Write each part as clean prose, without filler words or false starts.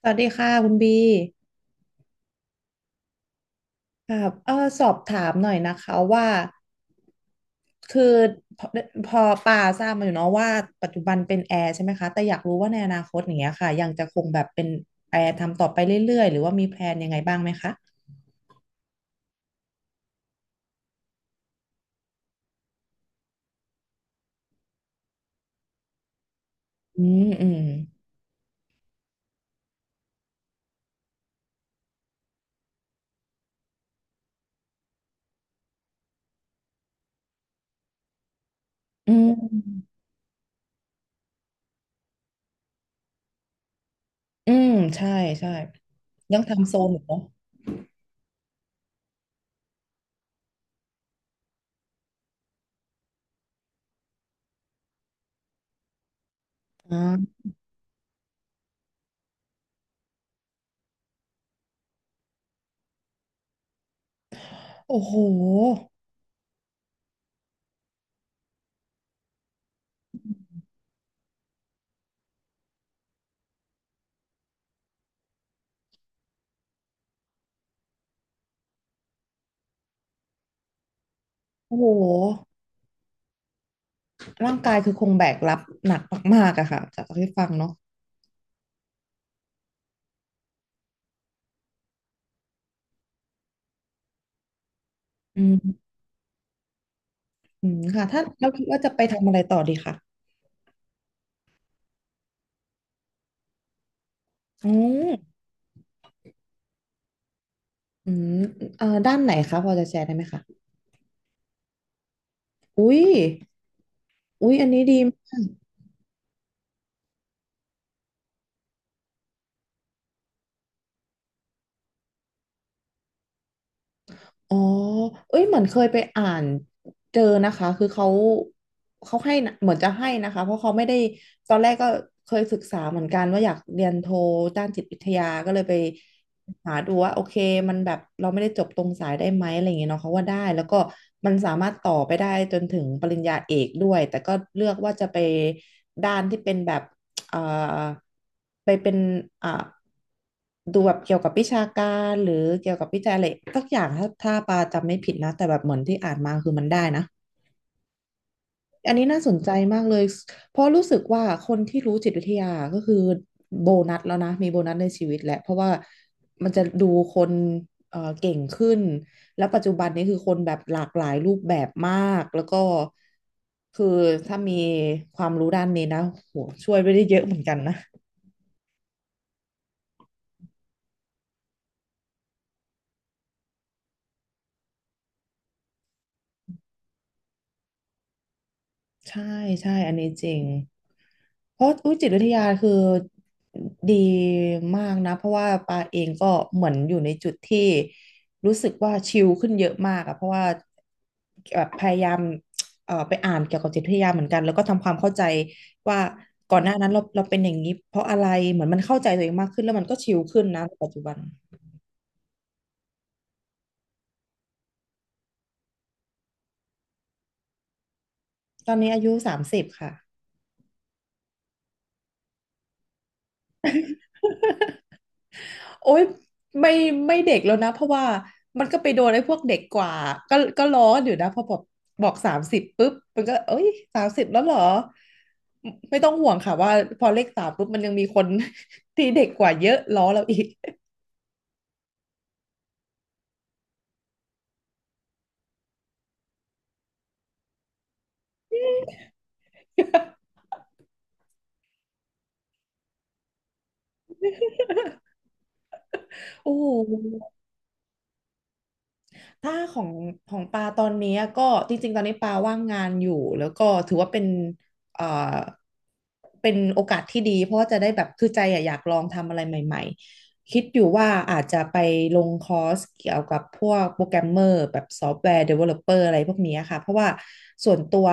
สวัสดีค่ะคุณบีครับสอบถามหน่อยนะคะว่าคือพอพอป่าทราบมาอยู่เนาะว่าปัจจุบันเป็นแอร์ใช่ไหมคะแต่อยากรู้ว่าในอนาคตอย่างเงี้ยค่ะยังจะคงแบบเป็นแอร์ทำต่อไปเรื่อยๆหรือว่ามีแพลนยังไงบ้างไหมคะอืมอืมอืมอืมใช่ใช่ยังทำโซนอยู่เนาะอ่าโอ้โหโอ้โหร่างกายคือคงแบกรับหนักมากๆอะค่ะจากที่ฟังเนาะอืม อืมค่ะถ้าเราคิดว่าจะไปทำอะไรต่อดีค่ะอืมอืมด้านไหนคะพอจะแชร์ได้ไหมคะอุ้ยอุ้ยอันนี้ดีมาก อ๋อเอ้ยเหมือนเคยไปอ่านเจอนะคะคือเขาให้นะเหมือนจะให้นะคะ เพราะเขาไม่ได้ตอนแรกก็เคยศึกษาเหมือนกันว่าอยากเรียนโทด้านจิตวิทยาก็เลยไปหาดูว่าโอเคมันแบบเราไม่ได้จบตรงสายได้ไหมอะไรอย่างเงี้ยเนาะเขาว่าได้แล้วก็มันสามารถต่อไปได้จนถึงปริญญาเอกด้วยแต่ก็เลือกว่าจะไปด้านที่เป็นแบบ เอ่อไปเป็นอ่าดูแบบเกี่ยวกับวิชาการหรือเกี่ยวกับวิจัยอะไรสักอย่างถ้าปาจำไม่ผิดนะแต่แบบเหมือนที่อ่านมาคือมันได้นะอันนี้น่าสนใจมากเลยเพราะรู้สึกว่าคนที่รู้จิตวิทยาก็คือโบนัสแล้วนะมีโบนัสในชีวิตแหละเพราะว่ามันจะดูคนเก่งขึ้นแล้วปัจจุบันนี้คือคนแบบหลากหลายรูปแบบมากแล้วก็คือถ้ามีความรู้ด้านนี้นะโหช่วยไปได้เยอะเหมือนกันนะ ใช่ใช่อันนี้จริงเพราะอุยจิตวิทยาคือดีมากนะเพราะว่าปาเองก็เหมือนอยู่ในจุดที่รู้สึกว่าชิลขึ้นเยอะมากอะเพราะว่าแบบพยายามไปอ่านเกี่ยวกับจิตวิทยาเหมือนกันแล้วก็ทำความเข้าใจว่าก่อนหน้านั้นเราเป็นอย่างนี้เพราะอะไรเหมือนมันเข้าใจตัวเองมากขึ้นแล้วมันก็ชิลขึ้นนะในปัจจุบันตอนนี้อายุสามสิบค่ะ โอ๊ยไม่ไม่เด็กแล้วนะเพราะว่ามันก็ไปโดนไอ้พวกเด็กกว่าก็ร้อนอยู่นะพอบอกสามสิบปุ๊บมันก็เอ้ยสามสิบแล้วเหรอไม่ต้องห่วงค่ะว่าพอเลขสามปุ๊บมันยังมีคน ที่เด็กกว่าเยอะล้อเราอีก โอ้โห ถ้าของของปาตอนนี้ก็จริงๆตอนนี้ปาว่างงานอยู่แล้วก็ถือว่าเป็นเอ่อเป็นโอกาสที่ดีเพราะว่าจะได้แบบคือใจอะอยากลองทำอะไรใหม่ๆคิดอยู่ว่าอาจจะไปลงคอร์สเกี่ยวกับพวกโปรแกรมเมอร์แบบซอฟต์แวร์เดเวลลอปเปอร์อะไรพวกนี้ค่ะเพราะว่าส่วนตัว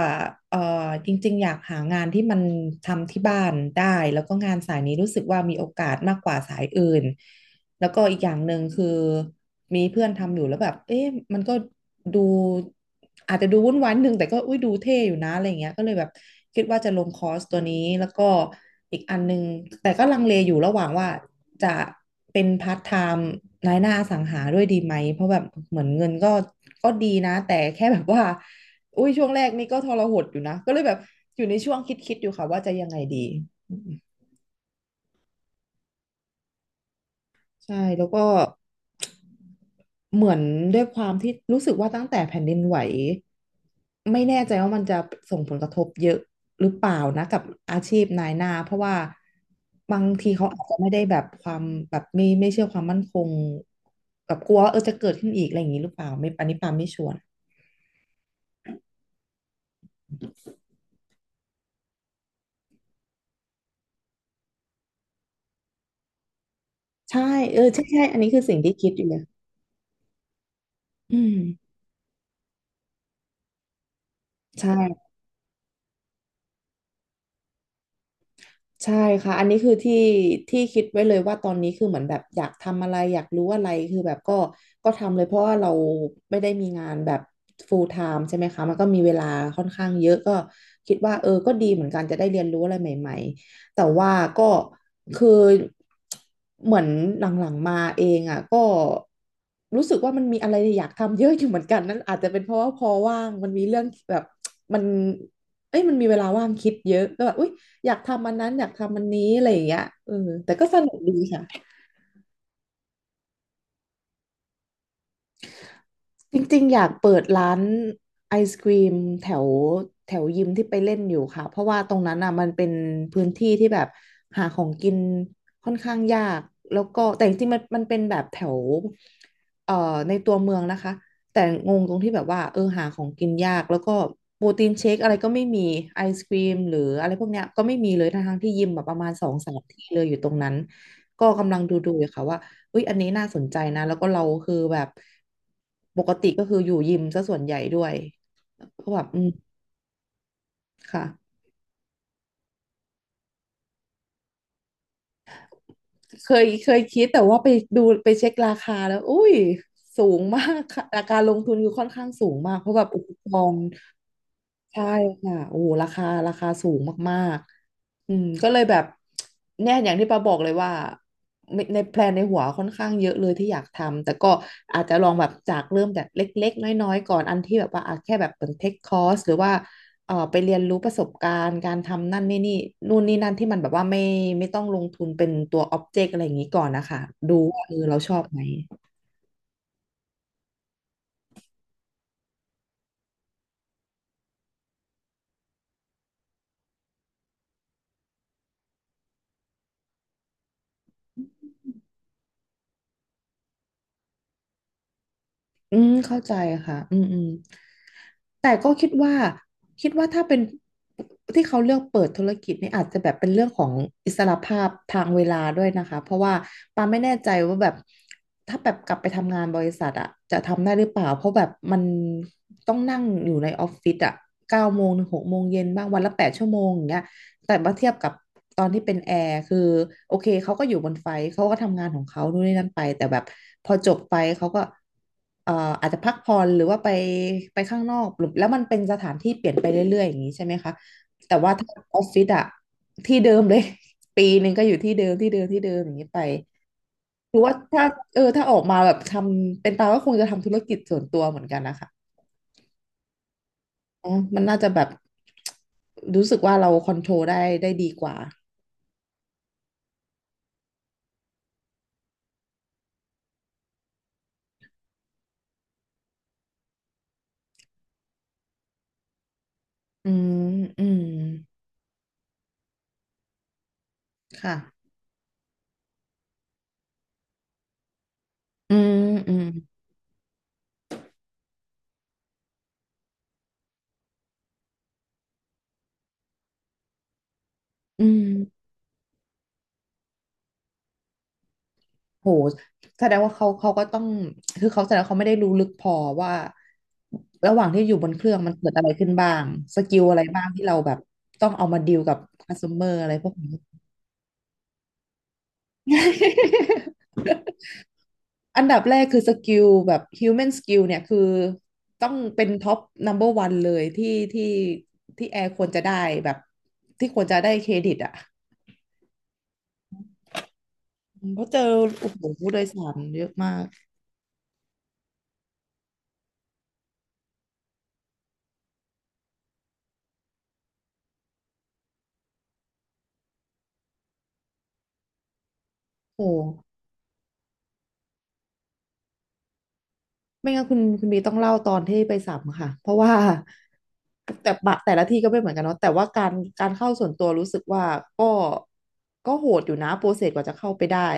จริงๆอยากหางานที่มันทำที่บ้านได้แล้วก็งานสายนี้รู้สึกว่ามีโอกาสมากกว่าสายอื่น แล้วก็อีกอย่างหนึ่งคือมีเพื่อนทำอยู่แล้วแบบเอ๊ะมันก็ดูอาจจะดูวุ่นวายนิดนึงแต่ก็อุ้ยดูเท่อยู่นะอะไรอย่างเงี้ยก็เลยแบบคิดว่าจะลงคอร์สตัวนี้แล้วก็อีกอันนึงแต่ก็ลังเลอยู่ระหว่างว่าจะเป็นพาร์ทไทม์นายหน้าอสังหาด้วยดีไหมเพราะแบบเหมือนเงินก็ดีนะแต่แค่แบบว่าอุ้ยช่วงแรกนี่ก็ทรหดอยู่นะก็เลยแบบอยู่ในช่วงคิดๆอยู่ค่ะว่าจะยังไงดี ใช่แล้วก็เหมือนด้วยความที่รู้สึกว่าตั้งแต่แผ่นดินไหวไม่แน่ใจว่ามันจะส่งผลกระทบเยอะหรือเปล่านะกับอาชีพนายหน้าเพราะว่าบางทีเขาอาจจะไม่ได้แบบความแบบไม่เชื่อความมั่นคงแบบกลัวว่าเออจะเกิดขึ้นอีกอะไรอย่างนี้หรือเปล่าไม่อันนี้ปาไม่ชัวร์ใช่เออใช่ใช่อันนี้คือสิ่งที่คิดอยู่เลยอืมใช่ ใช่ค่ะอันนี้คือที่ที่คิดไว้เลยว่าตอนนี้คือเหมือนแบบอยากทำอะไรอยากรู้อะไรคือแบบก็ทำเลยเพราะว่าเราไม่ได้มีงานแบบ full time ใช่ไหมคะมันก็มีเวลาค่อนข้างเยอะก็คิดว่าเออก็ดีเหมือนกันจะได้เรียนรู้อะไรใหม่ๆแต่ว่าก็คือเหมือนหลังๆมาเองอ่ะก็รู้สึกว่ามันมีอะไรอยากทำเยอะอยู่เหมือนกันนั่นอาจจะเป็นเพราะว่าพอว่างมันมีเรื่องแบบมันเอ้ยมันมีเวลาว่างคิดเยอะก็แบบอุ้ย อยากทำอันนั้นอยากทำอันนี้อะไรอย่างเงี้ยแต่ก็สนุกดีค่ะ จริงๆอยากเปิดร้านไอศกรีมแถวแถวยิมที่ไปเล่นอยู่ค่ะเพราะว่าตรงนั้นอ่ะมันเป็นพื้นที่ที่แบบหาของกินค่อนข้างยากแล้วก็แต่จริงๆมันเป็นแบบแถวเอ่อในตัวเมืองนะคะแต่งงตรงที่แบบว่าเออหาของกินยากแล้วก็โปรตีนเชคอะไรก็ไม่มีไอศกรีมหรืออะไรพวกเนี้ยก็ไม่มีเลยทั้งๆที่ยิมแบบประมาณสองสามที่เลยอยู่ตรงนั้นก็กำลังดูๆอยู่ค่ะว่า อุ๊ยอันนี้น่าสนใจนะแล้วก็เราคือแบบปกติก็คืออยู่ยิมซะส่วนใหญ่ด้วยก็แบบอืมค่ะเคยคิดแต่ว่าไปดูไปเช็คราคาแล้วอุ้ยสูงมากค่ะการลงทุนคือค่อนข้างสูงมากเพราะแบบอุปกรณ์ ใช่ค่ะโอ้โหราคาสูงมากๆอืมก็เลยแบบเนี่ยอย่างที่ปาบอกเลยว่าในแพลนในหัวค่อนข้างเยอะเลยที่อยากทำแต่ก็อาจจะลองแบบจากเริ่มจากเล็กๆน้อยๆก่อนอันที่แบบว่าอ่ะแค่แบบเป็นเทคคอร์สหรือว่าไปเรียนรู้ประสบการณ์การทำนั่นนี่นู่นนี่นั่นที่มันแบบว่าไม่ต้องลงทุนเป็นตัวออบเจกต์อะไรอย่างนี้ก่อนนะคะดูว่าเออเราชอบไหม อืมเข้าใจค่ะอืมอืมแต่ก็คิดว่าคิดว่าถ้าเป็นที่เขาเลือกเปิดธุรกิจนี่อาจจะแบบเป็นเรื่องของอิสรภาพทางเวลาด้วยนะคะเพราะว่าปาไม่แน่ใจว่าแบบถ้าแบบกลับไปทำงานบริษัทอะจะทำได้หรือเปล่าเพราะแบบมันต้องนั่งอยู่ในออฟฟิศอะ9 โมงถึง 6 โมงเย็นบ้างวันละ8 ชั่วโมงอย่างเงี้ย แต่มาเทียบกับตอนที่เป็นแอร์คือโอเคเขาก็อยู่บนไฟท์เขาก็ทำงานของเขานู่นนี่นั่นไปแต่แบบพอจบไปเขาก็เอ่ออาจจะพักผ่อนหรือว่าไปข้างนอกหรือแล้วมันเป็นสถานที่เปลี่ยนไปเรื่อยๆอย่างนี้ใช่ไหมคะแต่ว่าถ้าออฟฟิศอะที่เดิมเลย ปีหนึ่งก็อยู่ที่เดิมที่เดิมที่เดิมอย่างนี้ไปคือว่าถ้าเออถ้าออกมาแบบทำเป็นตาก็คงจะทำธุรกิจส่วนตัวเหมือนกันนะคะอ๋อมันน่าจะแบบรู้สึกว่าเราคอนโทรลได้ดีกว่า อืมอืมค่ะอืมอืมอืมโหแสดงว่าเขาก็ต้องคือเขาแสดงว่าเขาไม่ได้รู้ลึกพอว่าระหว่างที่อยู่บนเครื่องมันเกิดอะไรขึ้นบ้างสกิลอะไรบ้างที่เราแบบต้องเอามาดีลกับคัสเตอร์อะไรพวกนี้ อันดับแรกคือสกิลแบบ human skill เนี่ยคือต้องเป็นท็อป number one เบอร์วันเลยที่ที่แอร์ควรจะได้แบบที่ควรจะได้เครดิตอ่ะเพราะเจอโอ้โหผู้โดยสารเยอะมาก โอ้ไม่งั้นคุณบีต้องเล่าตอนที่ไปสัมค่ะเพราะว่าแต่ละที่ก็ไม่เหมือนกันเนาะแต่ว่าการการเข้าส่วนตัวรู้สึกว่าก็ก็โหดอยู่นะโปรเซสกว่าจะเข้าไปได้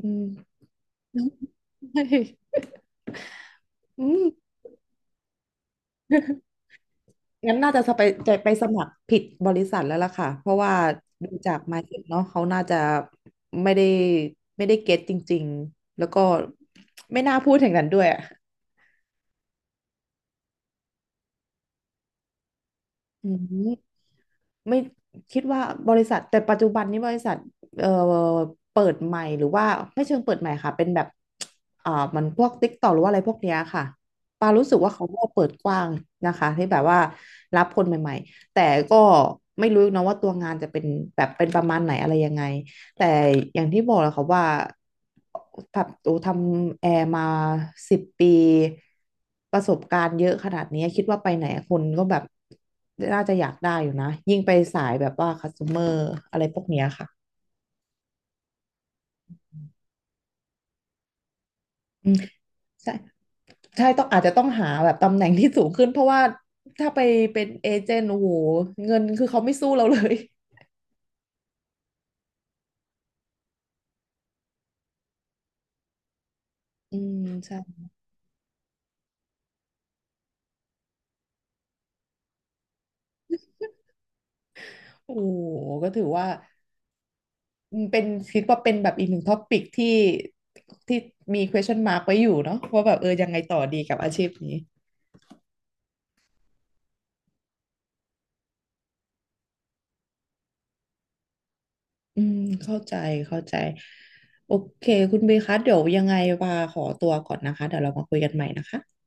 อืมใช่อืมงั้นน่าจะจะไปสมัครผิดบริษัทแล้วล่ะค่ะเพราะว่าดูจาก mindset เนาะเขาน่าจะไม่ได้ไม่ได้เก็ตจริงๆแล้วก็ไม่น่าพูดอย่างนั้นด้วยอะอืม ไม่คิดว่าบริษัทแต่ปัจจุบันนี้บริษัทเอ่อเปิดใหม่หรือว่าไม่เชิงเปิดใหม่ค่ะเป็นแบบอ่ามันพวกติ๊กต็อหรือว่าอะไรพวกเนี้ยค่ะปารู้สึกว่าเขาก็เปิดกว้างนะคะที่แบบว่ารับคนใหม่ๆแต่ก็ไม่รู้นะว่าตัวงานจะเป็นแบบเป็นประมาณไหนอะไรยังไง แต่อย่างที่บอกแหล้วคขาว่าทำแอร์มา10 ปีประสบการณ์เยอะขนาดนี้คิดว่าไปไหนคนก็แบบน่าจะอยากได้อยู่นะยิ่งไปสายแบบว่าคัส t o เ e อร์อะไรพวกเนี้ยค่ะอืมใช่ใช่ต้องอาจจะต้องหาแบบตำแหน่งที่สูงขึ้นเพราะว่าถ้าไปเป็นเอเจนต์โอ้โหเงินคือเขาไม่สู้เราเลย อืมใช่โอ้โหก็ถือว่า อืมเป็นคิดว่าเป็นแบบอีกหนึ่งท็อปิกที่ที่มี question mark ไว้อยู่เนาะว่าแบบเออยังไงต่อดีกับอาชีพนี้อืมเข้าใจเข้าใจโอเคคุณเบย์คะเดี๋ยวยังไงว่าขอตัวก่อนนะคะเดี๋ยวเรามาคุยกันใหม่นะคะ